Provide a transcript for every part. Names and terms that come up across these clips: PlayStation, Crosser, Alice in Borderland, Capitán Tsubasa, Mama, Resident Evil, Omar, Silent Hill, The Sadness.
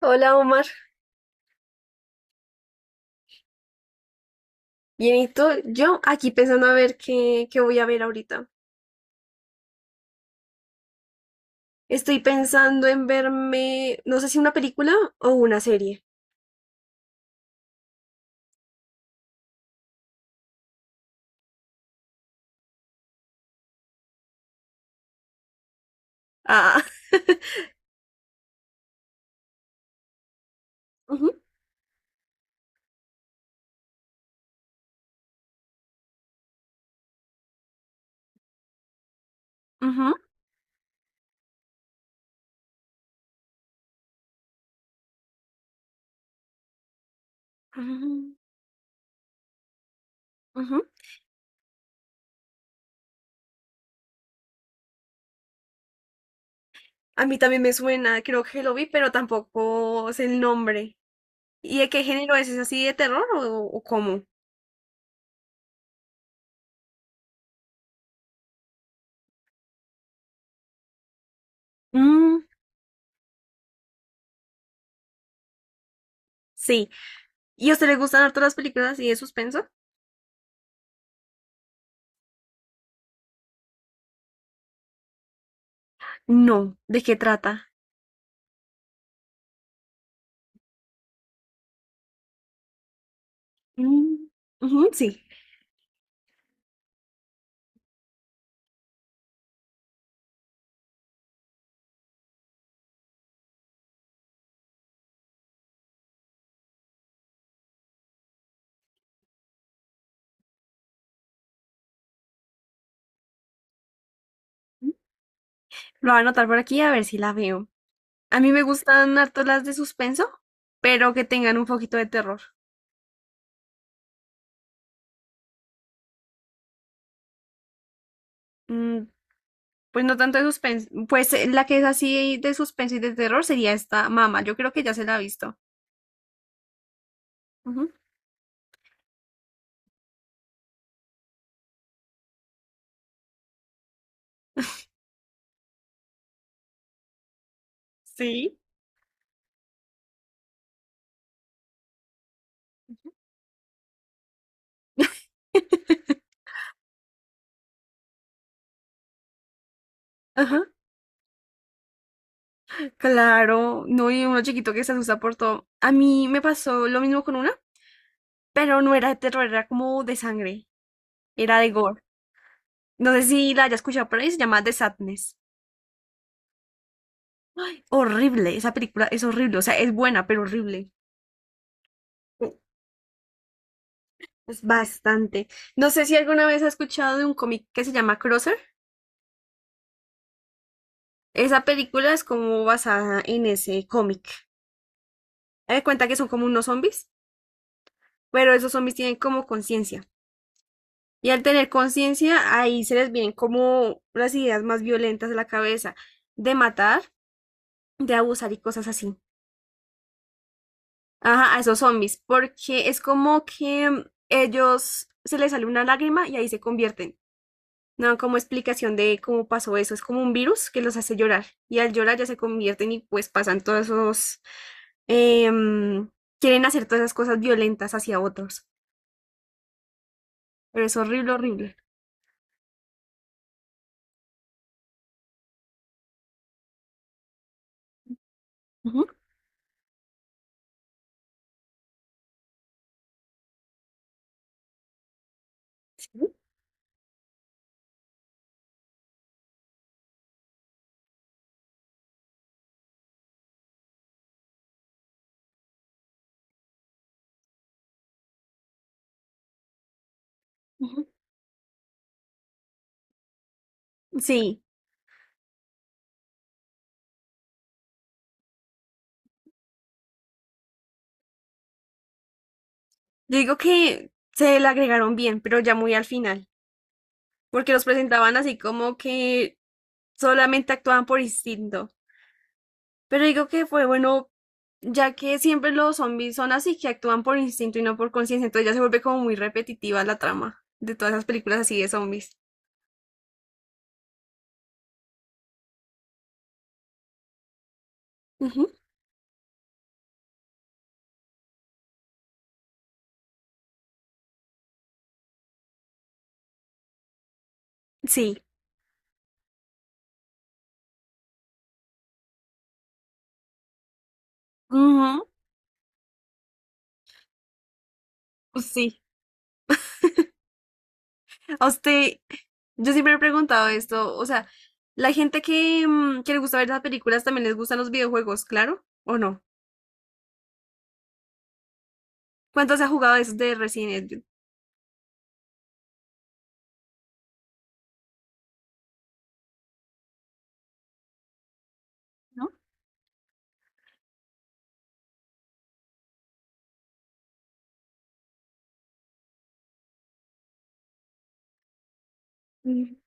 Hola Omar, bien, ¿y tú? Yo aquí pensando a ver qué voy a ver ahorita. Estoy pensando en verme, no sé si una película o una serie. Ah, ujú, ujú, ujú, ujú. A mí también me suena, creo que lo vi, pero tampoco sé el nombre. ¿Y de qué género es? ¿Es así de terror o cómo? Mm, sí. ¿Y a usted le gustan harto las películas así de suspenso? No. ¿De qué trata? Mm, ujú, sí. Lo voy a anotar por aquí a ver si la veo. A mí me gustan harto las de suspenso, pero que tengan un poquito de terror. Mm, pues no tanto de suspenso. Pues la que es así de suspenso y de terror sería esta Mama. Yo creo que ya se la ha visto. Ujú. Sí. Ajá, claro, no, y uno chiquito que se asusta por todo. A mí me pasó lo mismo con una, pero no era de terror, era como de sangre, era de gore. No sé si la haya escuchado por ahí, se llama The Sadness. Ay, horrible, esa película es horrible, o sea, es buena, pero horrible. Es bastante. No sé si alguna vez has escuchado de un cómic que se llama Crosser. Esa película es como basada en ese cómic. Haz de cuenta que son como unos zombies, pero esos zombies tienen como conciencia. Y al tener conciencia, ahí se les vienen como las ideas más violentas a la cabeza de matar, de abusar y cosas así. Ajá, a esos zombies, porque es como que ellos se les sale una lágrima y ahí se convierten. No, dan como explicación de cómo pasó eso. Es como un virus que los hace llorar. Y al llorar ya se convierten y pues pasan todos esos... em, quieren hacer todas esas cosas violentas hacia otros. Pero es horrible, horrible. Ujú. Sí. Ujú. Sí, yo digo que se la agregaron bien, pero ya muy al final, porque los presentaban así como que solamente actuaban por instinto. Pero digo que fue bueno, ya que siempre los zombies son así, que actúan por instinto y no por conciencia, entonces ya se vuelve como muy repetitiva la trama de todas esas películas así de zombies. Ujú, sí. Ujú, pues sí. A usted, yo siempre me he preguntado esto, o sea, la gente que, que le gusta ver las películas también les gustan los videojuegos, claro, ¿o no? ¿Cuántos ha jugado de esos de Resident Evil? ¿No?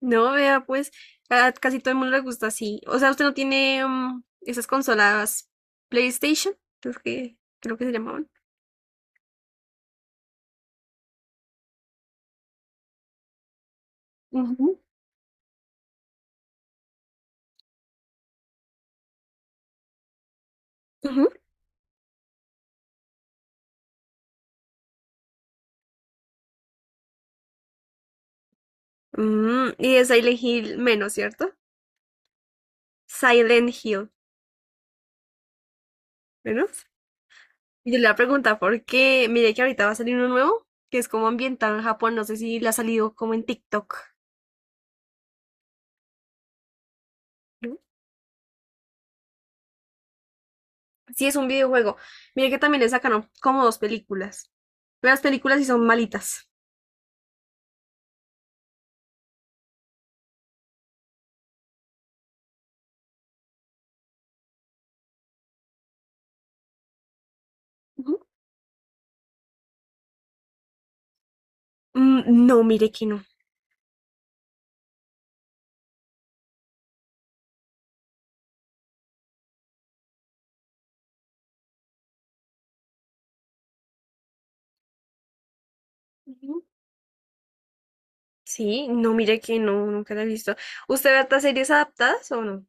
No, vea, pues a casi todo el mundo le gusta así. O sea, usted no tiene esas consolas PlayStation, creo que se llamaban. Ujú, ujú. Mm, y de Silent Hill menos, ¿cierto? Silent Hill menos. Y yo le voy a preguntar por qué. Mire que ahorita va a salir uno nuevo, que es como ambientado en Japón. No sé si le ha salido como en TikTok. ¿No? Sí, es un videojuego. Mire que también le sacaron como dos películas. Pero las películas sí son malitas. Ujú. Mm, no, mire que no. Sí, no, mire que no, nunca la he visto. ¿Usted ve estas series adaptadas o no?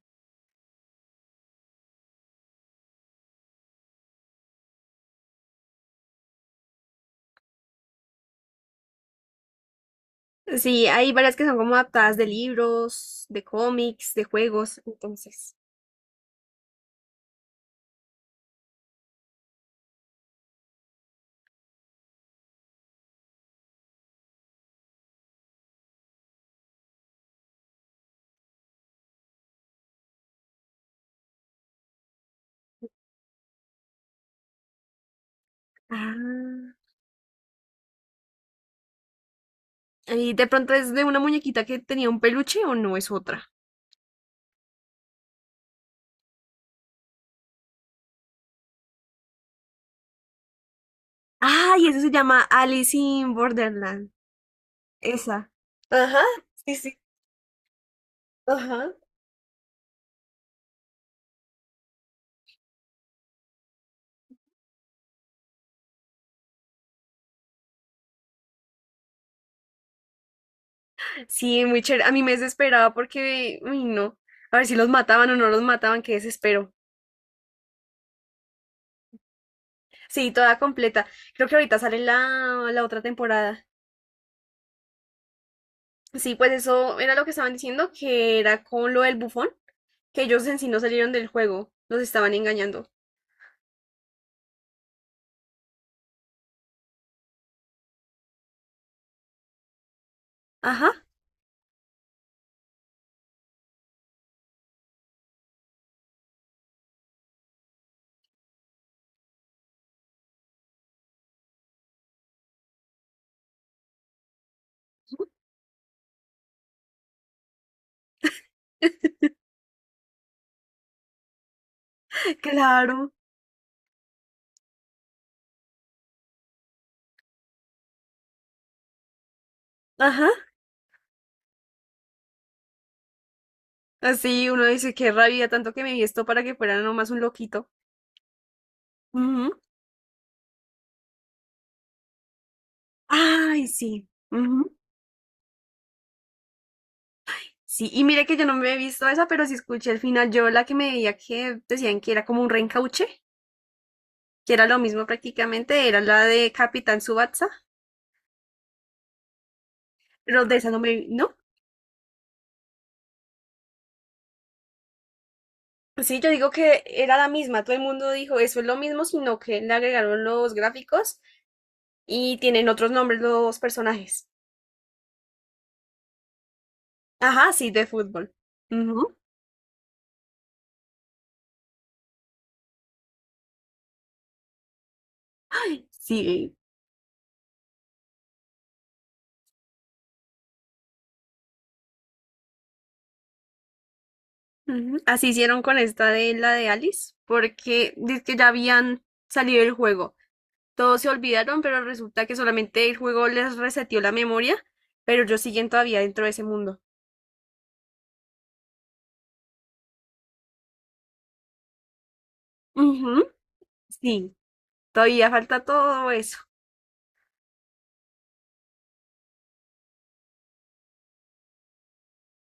Sí, hay varias que son como adaptadas de libros, de cómics, de juegos, entonces. Ah, ¿y de pronto es de una muñequita que tenía un peluche o no es otra? ¡Ay! Eso se llama Alice in Borderland. Esa. Ajá, sí, sí, ajá. Sí, muy chévere. A mí me desesperaba porque, uy, no. A ver si los mataban o no los mataban, qué desespero. Sí, toda completa. Creo que ahorita sale la otra temporada. Sí, pues eso era lo que estaban diciendo, que era con lo del bufón, que ellos en sí no salieron del juego, los estaban engañando. Ajá, claro, ajá. Así uno dice, qué rabia, tanto que me vi esto para que fuera nomás un loquito. Ujú. Ay, sí. Ujú. Sí, y mire que yo no me he visto esa, pero sí escuché al final, yo la que me veía que decían que era como un reencauche, que era lo mismo prácticamente, era la de Capitán Tsubasa, pero de esa no me vi, ¿no? Sí, yo digo que era la misma, todo el mundo dijo eso es lo mismo, sino que le agregaron los gráficos y tienen otros nombres los personajes. Ajá, sí, de fútbol. Ujú. Sí, ujú, así hicieron con esta de la de Alice, porque dice que ya habían salido el juego. Todos se olvidaron, pero resulta que solamente el juego les reseteó la memoria, pero ellos siguen todavía dentro de ese mundo. Ujú, sí, todavía falta todo eso.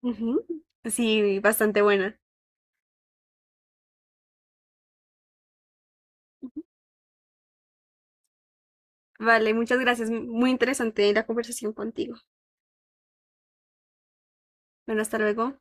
Ujú, sí, bastante buena. Vale, muchas gracias. Muy interesante la conversación contigo. Bueno, hasta luego.